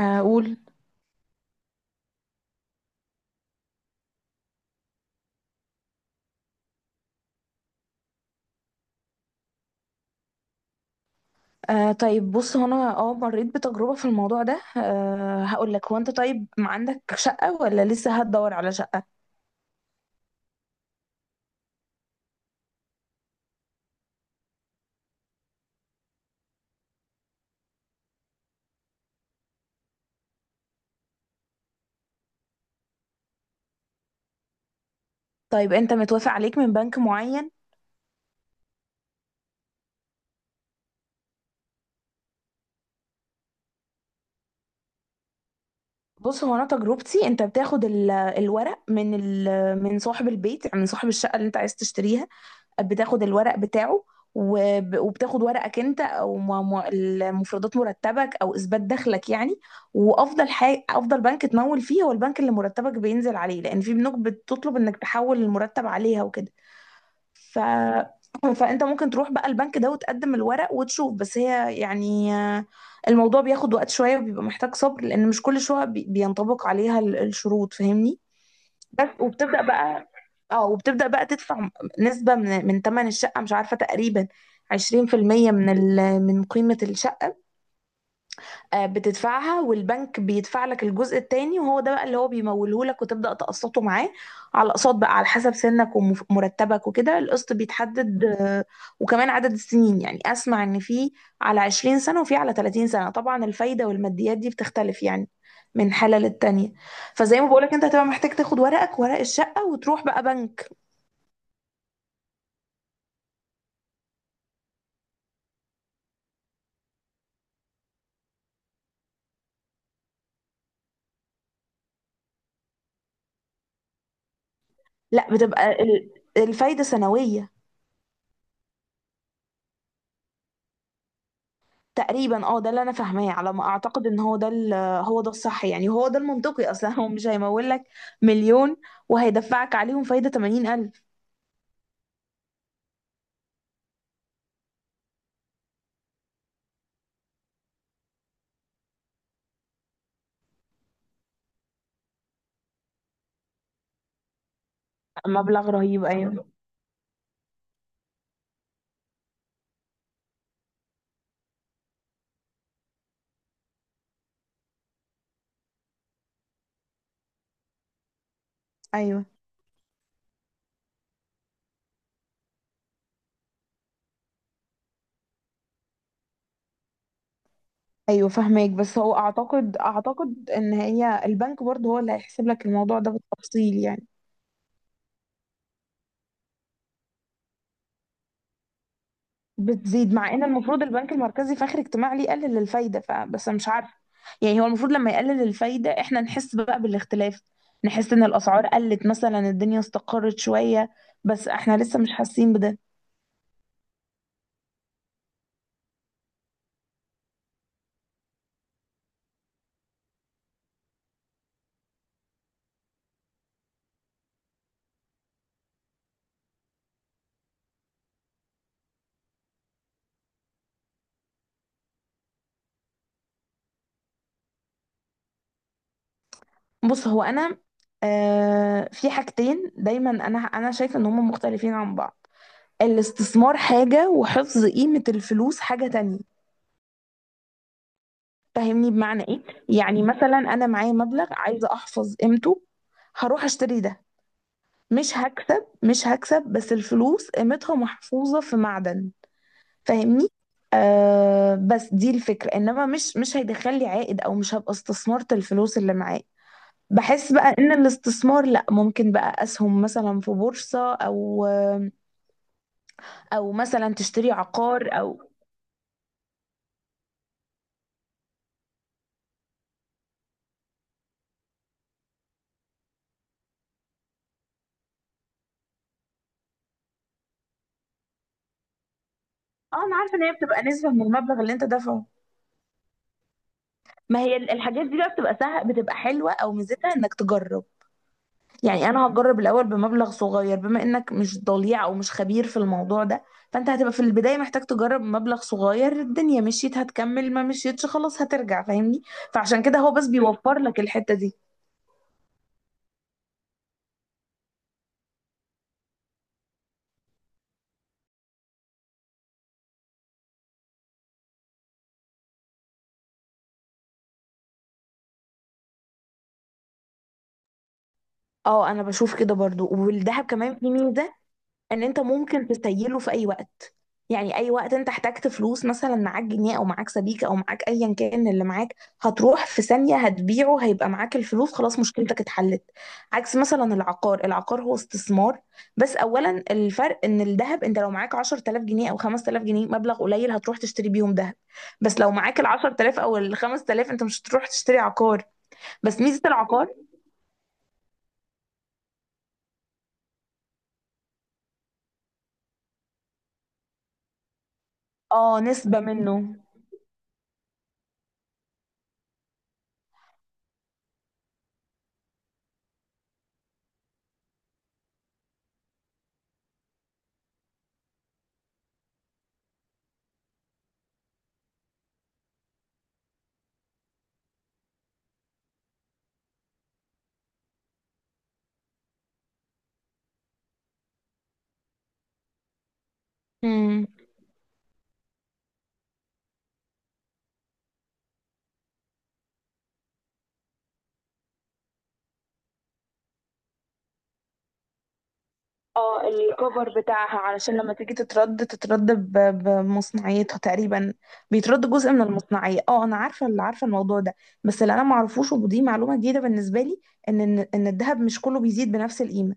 اقول. طيب بص، هو انا مريت بتجربة في الموضوع ده. هقول لك، هو انت طيب ما عندك شقة ولا لسه هتدور على شقة؟ طيب انت متوافق عليك من بنك معين؟ بص هو انا تجربتي، انت بتاخد الورق من من صاحب البيت، يعني من صاحب الشقة اللي انت عايز تشتريها. بتاخد الورق بتاعه، وبتاخد ورقك انت، او المفردات، مرتبك او اثبات دخلك يعني. وافضل حاجه، افضل بنك تمول فيه هو البنك اللي مرتبك بينزل عليه، لان في بنوك بتطلب انك تحول المرتب عليها وكده. ف فانت ممكن تروح بقى البنك ده وتقدم الورق وتشوف. بس هي يعني، الموضوع بياخد وقت شويه، وبيبقى محتاج صبر، لان مش كل شويه بينطبق عليها الشروط، فاهمني. بس وبتبدأ بقى تدفع نسبة من تمن الشقة، مش عارفة، تقريبا 20% من من قيمة الشقة. بتدفعها، والبنك بيدفع لك الجزء التاني، وهو ده بقى اللي هو بيموله لك، وتبدأ تقسطه معاه على اقساط بقى، على حسب سنك ومرتبك وكده القسط بيتحدد. وكمان عدد السنين، يعني اسمع ان في على 20 سنة وفي على 30 سنة. طبعا الفايدة والماديات دي بتختلف يعني من حالة للتانية. فزي ما بقولك، انت هتبقى محتاج تاخد ورقك، ورق الشقة، وتروح بقى بنك. لا، بتبقى الفايدة سنوية تقريبا. اه ده اللي انا فاهماه، على ما اعتقد ان هو ده هو ده الصح، يعني هو ده المنطقي اصلا. هو مش هيمول لك مليون وهيدفعك عليهم فايدة 80,000، مبلغ رهيب. ايوه، ايوه، ايوه، فاهماك، بس هو اعتقد ان هي البنك برضه هو اللي هيحسب لك الموضوع ده بالتفصيل يعني. بتزيد، مع ان المفروض البنك المركزي في اخر اجتماع ليه يقلل الفايده، فبس أنا مش عارفه. يعني هو المفروض لما يقلل الفايده احنا نحس بقى بالاختلاف، نحس ان الاسعار قلت مثلا، الدنيا استقرت شويه، بس احنا لسه مش حاسين بده. بص هو انا، في حاجتين دايما انا شايفه ان هما مختلفين عن بعض. الاستثمار حاجه، وحفظ قيمه الفلوس حاجه تانية. فاهمني بمعنى ايه؟ يعني مثلا انا معايا مبلغ عايزه احفظ قيمته، هروح اشتري ده. مش هكسب، مش هكسب، بس الفلوس قيمتها محفوظة في معدن، فاهمني. بس دي الفكرة، انما مش هيدخل لي عائد، او مش هبقى استثمرت الفلوس اللي معايا. بحس بقى ان الاستثمار لا، ممكن بقى اسهم مثلا في بورصة، او مثلا تشتري عقار او. اه، انا عارفة ان هي بتبقى نسبة من المبلغ اللي انت دافعه. ما هي الحاجات دي بقى بتبقى سهل، بتبقى حلوة، او ميزتها انك تجرب. يعني انا هجرب الاول بمبلغ صغير، بما انك مش ضليع او مش خبير في الموضوع ده، فانت هتبقى في البدايه محتاج تجرب مبلغ صغير. الدنيا مشيت هتكمل، ما مشيتش خلاص هترجع، فاهمني. فعشان كده هو بس بيوفر لك الحته دي. اه، انا بشوف كده برضو، والذهب كمان فيه ميزه ان انت ممكن تسيله في اي وقت. يعني اي وقت انت احتجت فلوس، مثلا معاك جنيه او معاك سبيكه او معاك ايا كان اللي معاك، هتروح في ثانيه هتبيعه، هيبقى معاك الفلوس، خلاص، مشكلتك اتحلت. عكس مثلا العقار، العقار هو استثمار. بس اولا الفرق ان الذهب انت لو معاك 10,000 جنيه او 5,000 جنيه، مبلغ قليل، هتروح تشتري بيهم ذهب، بس لو معاك ال 10,000 او ال 5,000، انت مش هتروح تشتري عقار. بس ميزه العقار، اه نسبه منه. اه، الكفر بتاعها، علشان لما تيجي تترد، تترد بمصنعيتها تقريبا، بيترد جزء من المصنعية. اه انا عارفة، اللي عارفة الموضوع ده. بس اللي انا معرفوش، ودي معلومة جديدة بالنسبة لي، ان ان إن الذهب مش كله بيزيد بنفس القيمة.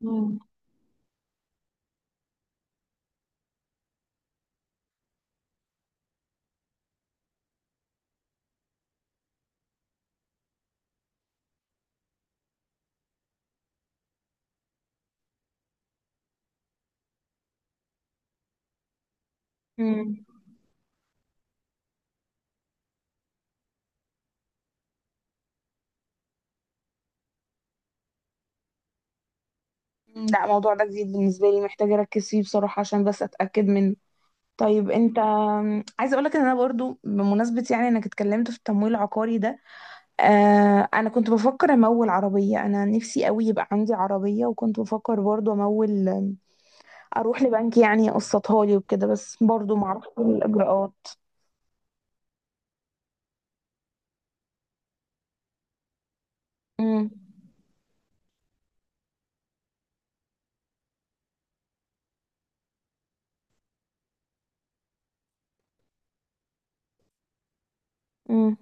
مم. مم. مم. لا، الموضوع ده جديد بالنسبة لي، محتاجة اركز فيه بصراحة عشان بس اتأكد منه. طيب انت، عايزة اقولك ان انا برضو بمناسبة يعني انك اتكلمت في التمويل العقاري ده، انا كنت بفكر امول عربيه. انا نفسي قوي يبقى عندي عربيه، وكنت بفكر برضو امول، اروح لبنك يعني يقسطها لي وكده، بس برضو معرفش الاجراءات. امم امم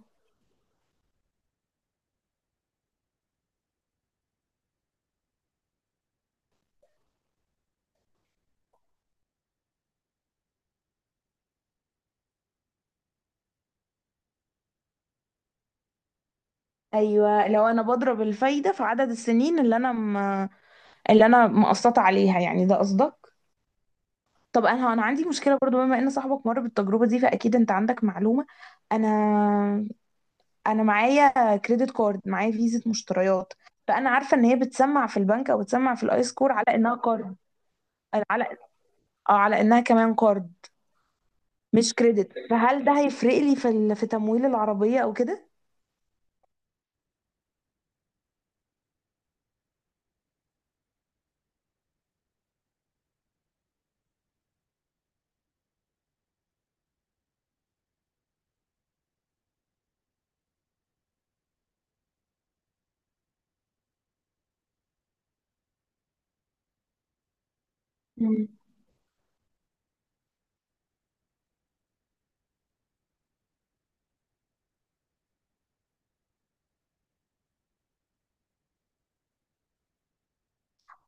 ايوه، لو انا بضرب الفايده في عدد السنين اللي انا مقسطه عليها، يعني ده قصدك؟ طب انا عندي مشكله برضو، بما ان صاحبك مر بالتجربه دي فاكيد انت عندك معلومه. انا انا معايا كريدت كارد، معايا فيزا مشتريات، فانا عارفه ان هي بتسمع في البنك، او بتسمع في الاي سكور على انها كارد، على اه على انها كمان كارد، مش كريدت. فهل ده هيفرق لي في في تمويل العربيه او كده؟ مم.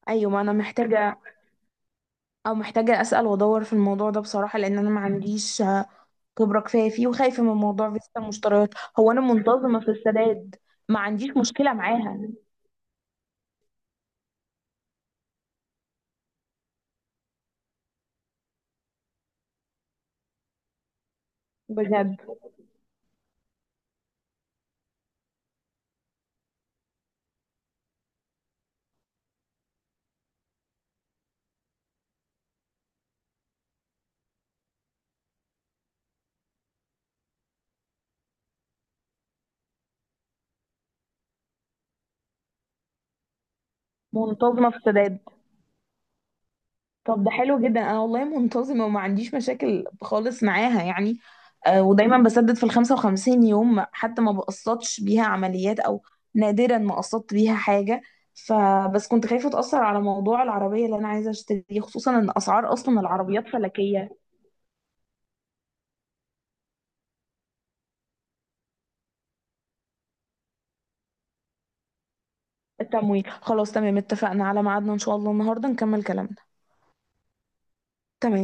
ايوه، ما انا محتاجه اسال وادور في الموضوع ده بصراحه، لان انا ما عنديش خبره كفايه فيه، وخايفه من موضوع فيزا المشتريات. هو انا منتظمه في السداد، ما عنديش مشكله معاها، بجد منتظمه في السداد. طب ده حلو جدا، انا والله منتظمه وما عنديش مشاكل خالص معاها يعني. ودايما بسدد في ال 55 يوم، حتى ما بقسطش بيها عمليات، او نادرا ما قسطت بيها حاجه. فبس كنت خايفه اتاثر على موضوع العربيه اللي انا عايزه اشتريه، خصوصا ان اسعار اصلا العربيات فلكيه. التمويل خلاص تمام، اتفقنا على ميعادنا، ان شاء الله النهارده نكمل كلامنا. تمام.